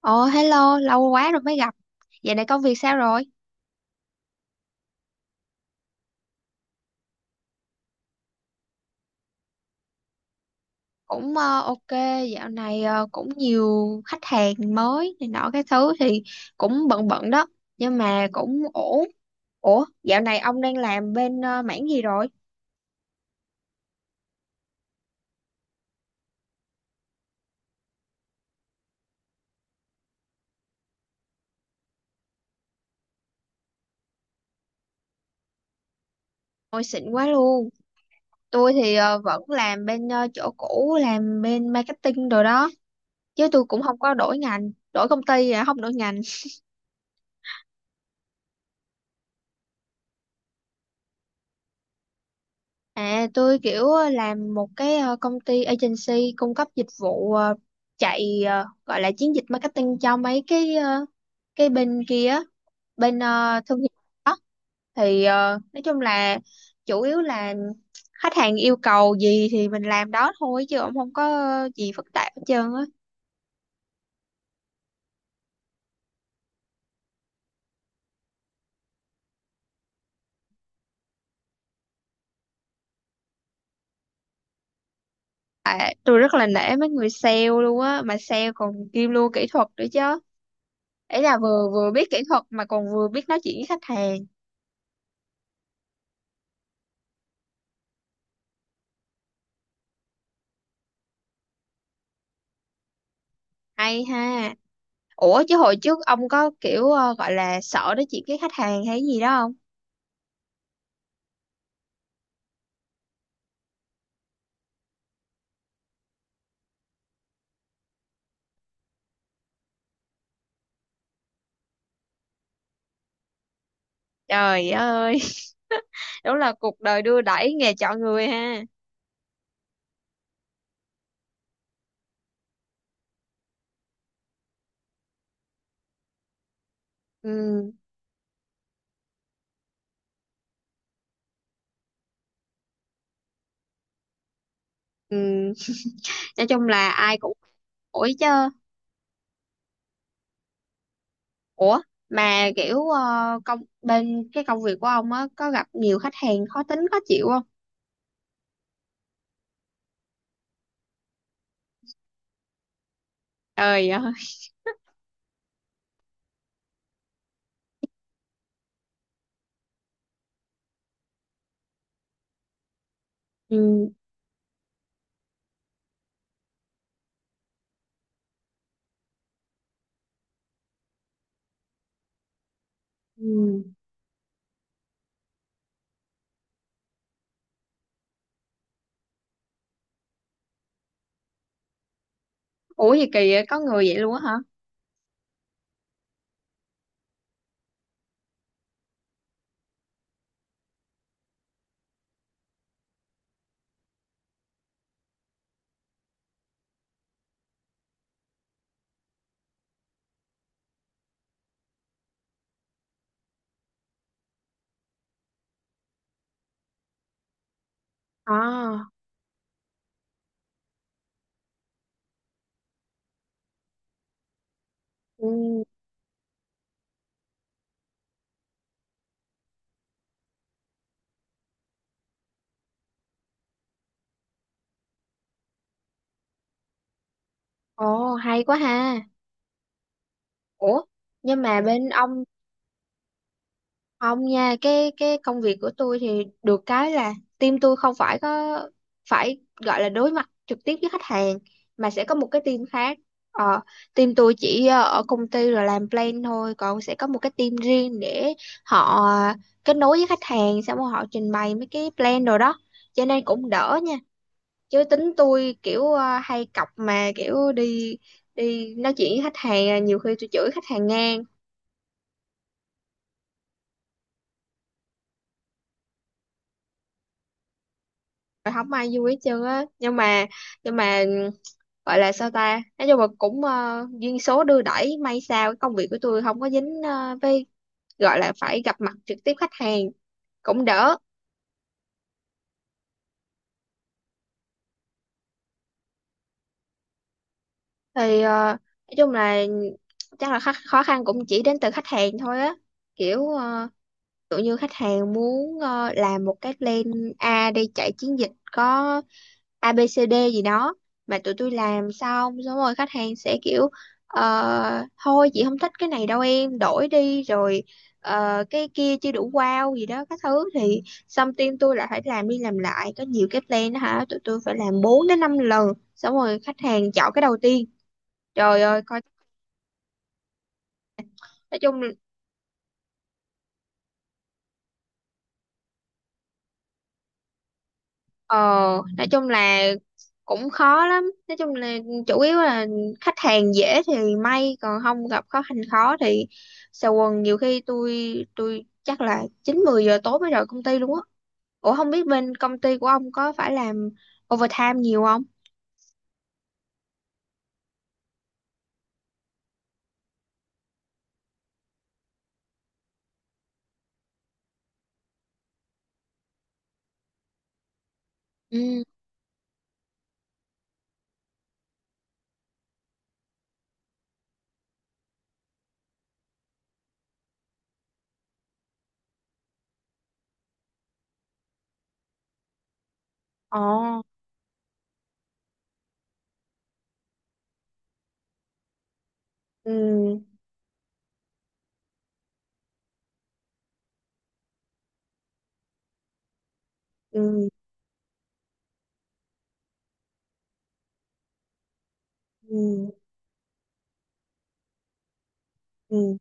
Ồ, hello, lâu quá rồi mới gặp. Dạo này công việc sao rồi? Cũng ok, dạo này cũng nhiều khách hàng mới này nọ cái thứ thì cũng bận bận đó, nhưng mà cũng ổn. Ủa, dạo này ông đang làm bên mảng gì rồi? Ôi xịn quá luôn. Tôi thì vẫn làm bên chỗ cũ, làm bên marketing rồi đó, chứ tôi cũng không có đổi ngành, đổi công ty, à, không đổi ngành. À, tôi kiểu làm một cái công ty agency cung cấp dịch vụ, chạy gọi là chiến dịch marketing cho mấy cái cái bên kia á, bên thương hiệu, thì nói chung là chủ yếu là khách hàng yêu cầu gì thì mình làm đó thôi, chứ cũng không có gì phức tạp hết trơn á. À, tôi rất là nể mấy người sale luôn á, mà sale còn kiêm luôn kỹ thuật nữa chứ. Ấy là vừa vừa biết kỹ thuật mà còn vừa biết nói chuyện với khách hàng. Hay ha. Ủa chứ hồi trước ông có kiểu gọi là sợ nói chuyện với khách hàng hay gì đó không? Trời ơi, đúng là cuộc đời đưa đẩy, nghề chọn người ha. Ừ, ừ. Nói chung là ai cũng ủi chứ. Ủa, mà kiểu bên cái công việc của ông á có gặp nhiều khách hàng khó tính khó chịu không? Trời ơi. Ừ, ừ. Ủa gì kỳ vậy? Có người vậy luôn á hả? À, ừ. Ồ, hay quá ha. Ủa, nhưng mà bên ông. Không nha, cái công việc của tôi thì được cái là team tôi không phải có phải gọi là đối mặt trực tiếp với khách hàng, mà sẽ có một cái team khác. Ờ, team tôi chỉ ở công ty rồi làm plan thôi, còn sẽ có một cái team riêng để họ kết nối với khách hàng, xong rồi họ trình bày mấy cái plan rồi đó. Cho nên cũng đỡ nha. Chứ tính tôi kiểu hay cọc mà kiểu đi đi nói chuyện với khách hàng, à, nhiều khi tôi chửi khách hàng ngang rồi, không ai vui hết trơn á. Nhưng mà gọi là sao ta, nói chung là cũng duyên số đưa đẩy may sao cái công việc của tôi không có dính với gọi là phải gặp mặt trực tiếp khách hàng, cũng đỡ. Thì nói chung là chắc là khó khăn cũng chỉ đến từ khách hàng thôi á, kiểu kiểu như khách hàng muốn làm một cái plan A đi chạy chiến dịch có ABCD gì đó, mà tụi tôi làm xong xong rồi khách hàng sẽ kiểu thôi chị không thích cái này đâu em đổi đi, rồi cái kia chưa đủ wow gì đó các thứ, thì xong team tôi lại phải làm đi làm lại, có nhiều cái plan đó hả, tụi tôi phải làm 4 đến 5 lần, xong rồi khách hàng chọn cái đầu tiên, trời ơi coi. nói chung Ờ, nói chung là cũng khó lắm. Nói chung là chủ yếu là khách hàng dễ thì may, còn không gặp khó khăn khó thì xà quần, nhiều khi tôi chắc là 9, 10 giờ tối mới rời công ty luôn á. Ủa không biết bên công ty của ông có phải làm overtime nhiều không? Ừ. Ồ. Ừ. Ừ. Ừ. Ừ.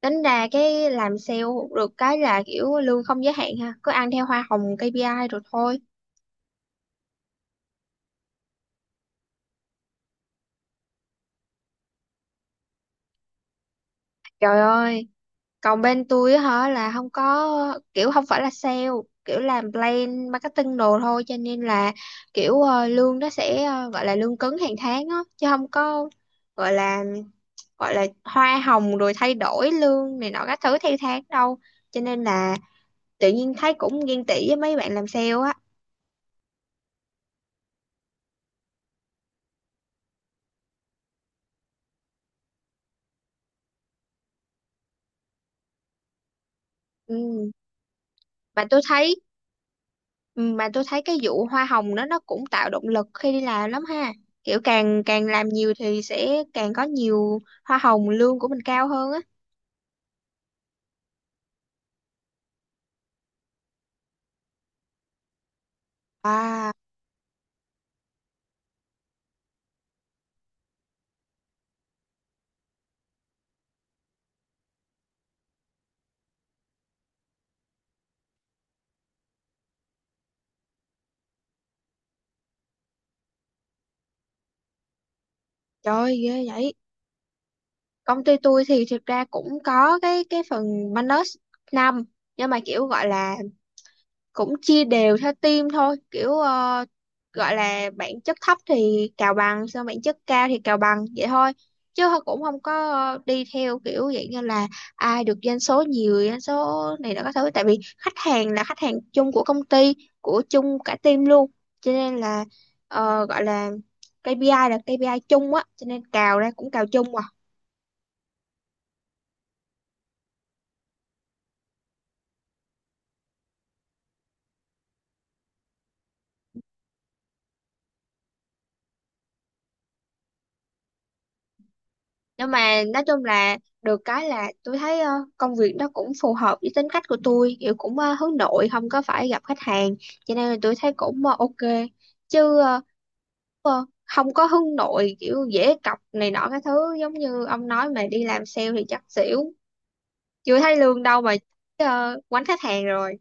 Tính ra cái làm sale được cái là kiểu lương không giới hạn ha, cứ ăn theo hoa hồng KPI rồi thôi. Trời ơi, còn bên tôi á hả là không có kiểu, không phải là sale, kiểu làm plan marketing đồ thôi, cho nên là kiểu lương nó sẽ gọi là lương cứng hàng tháng á, chứ không có gọi là hoa hồng rồi thay đổi lương này nọ các thứ theo tháng đâu, cho nên là tự nhiên thấy cũng ghen tị với mấy bạn làm sale á. Ừ. Mà tôi thấy. Ừ, mà tôi thấy cái vụ hoa hồng đó nó cũng tạo động lực khi đi làm lắm ha, kiểu càng càng làm nhiều thì sẽ càng có nhiều hoa hồng, lương của mình cao hơn á. À, trời ơi, ghê vậy. Công ty tôi thì thực ra cũng có cái phần bonus năm, nhưng mà kiểu gọi là cũng chia đều theo team thôi, kiểu gọi là bản chất thấp thì cào bằng, xong bản chất cao thì cào bằng vậy thôi, chứ thôi cũng không có đi theo kiểu vậy như là ai được doanh số nhiều doanh số này nó có thứ, tại vì khách hàng là khách hàng chung của công ty, của chung cả team luôn, cho nên là gọi là KPI là KPI chung á, cho nên cào ra cũng cào chung. Nhưng mà nói chung là được cái là tôi thấy công việc nó cũng phù hợp với tính cách của tôi, kiểu cũng hướng nội, không có phải gặp khách hàng, cho nên là tôi thấy cũng ok. Chứ không có hướng nội kiểu dễ cọc này nọ cái thứ giống như ông nói, mà đi làm sale thì chắc xỉu, chưa thấy lương đâu mà quánh khách hàng rồi.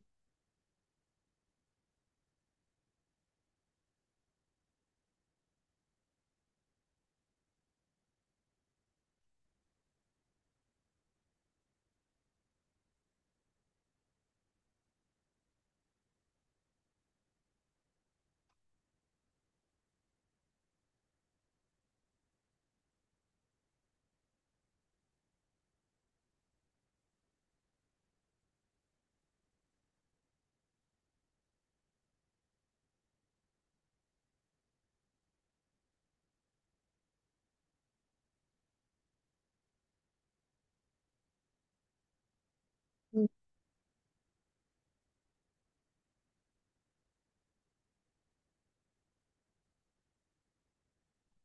Ừ,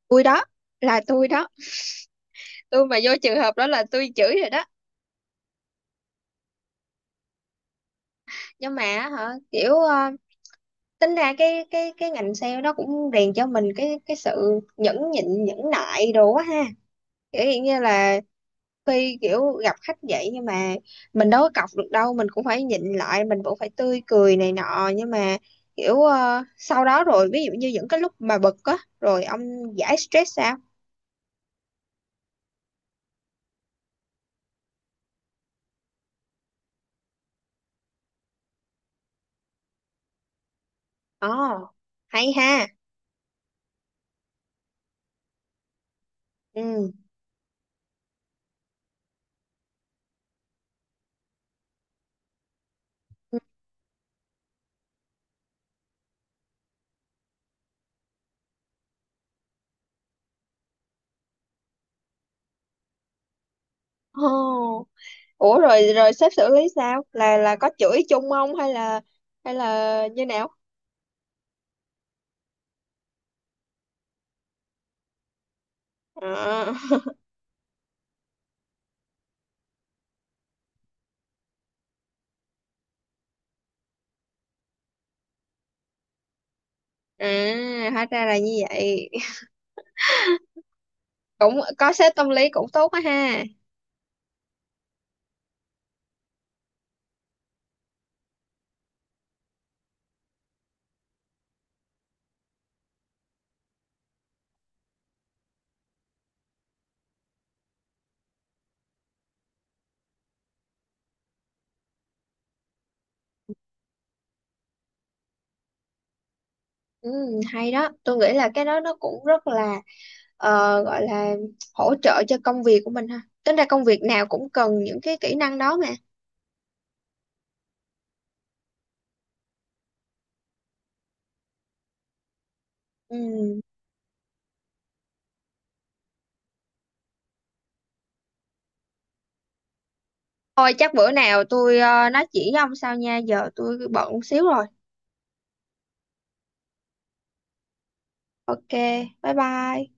tôi đó, là tôi đó, tôi mà vô trường hợp đó là tôi chửi rồi đó. Nhưng mà á hả, kiểu tính ra cái cái ngành sale đó cũng rèn cho mình cái sự nhẫn nhịn nhẫn nại đồ quá ha, kiểu hiện như là khi kiểu gặp khách vậy, nhưng mà mình đâu có cọc được đâu, mình cũng phải nhịn lại, mình cũng phải tươi cười này nọ, nhưng mà kiểu sau đó rồi ví dụ như những cái lúc mà bực á, rồi ông giải stress sao? Ồ, hay ha. Ừ, ừ. Ồ, ủa rồi rồi sếp xử lý sao? Là có chửi chung không, hay là như nào? À. À, hóa ra là như vậy. Cũng có sếp tâm lý cũng tốt quá ha. Ừ, hay đó. Tôi nghĩ là cái đó nó cũng rất là gọi là hỗ trợ cho công việc của mình ha. Tính ra công việc nào cũng cần những cái kỹ năng đó mà. Ừ. Thôi chắc bữa nào tôi nói chỉ với ông sau nha. Giờ tôi bận xíu rồi. Ok, bye bye.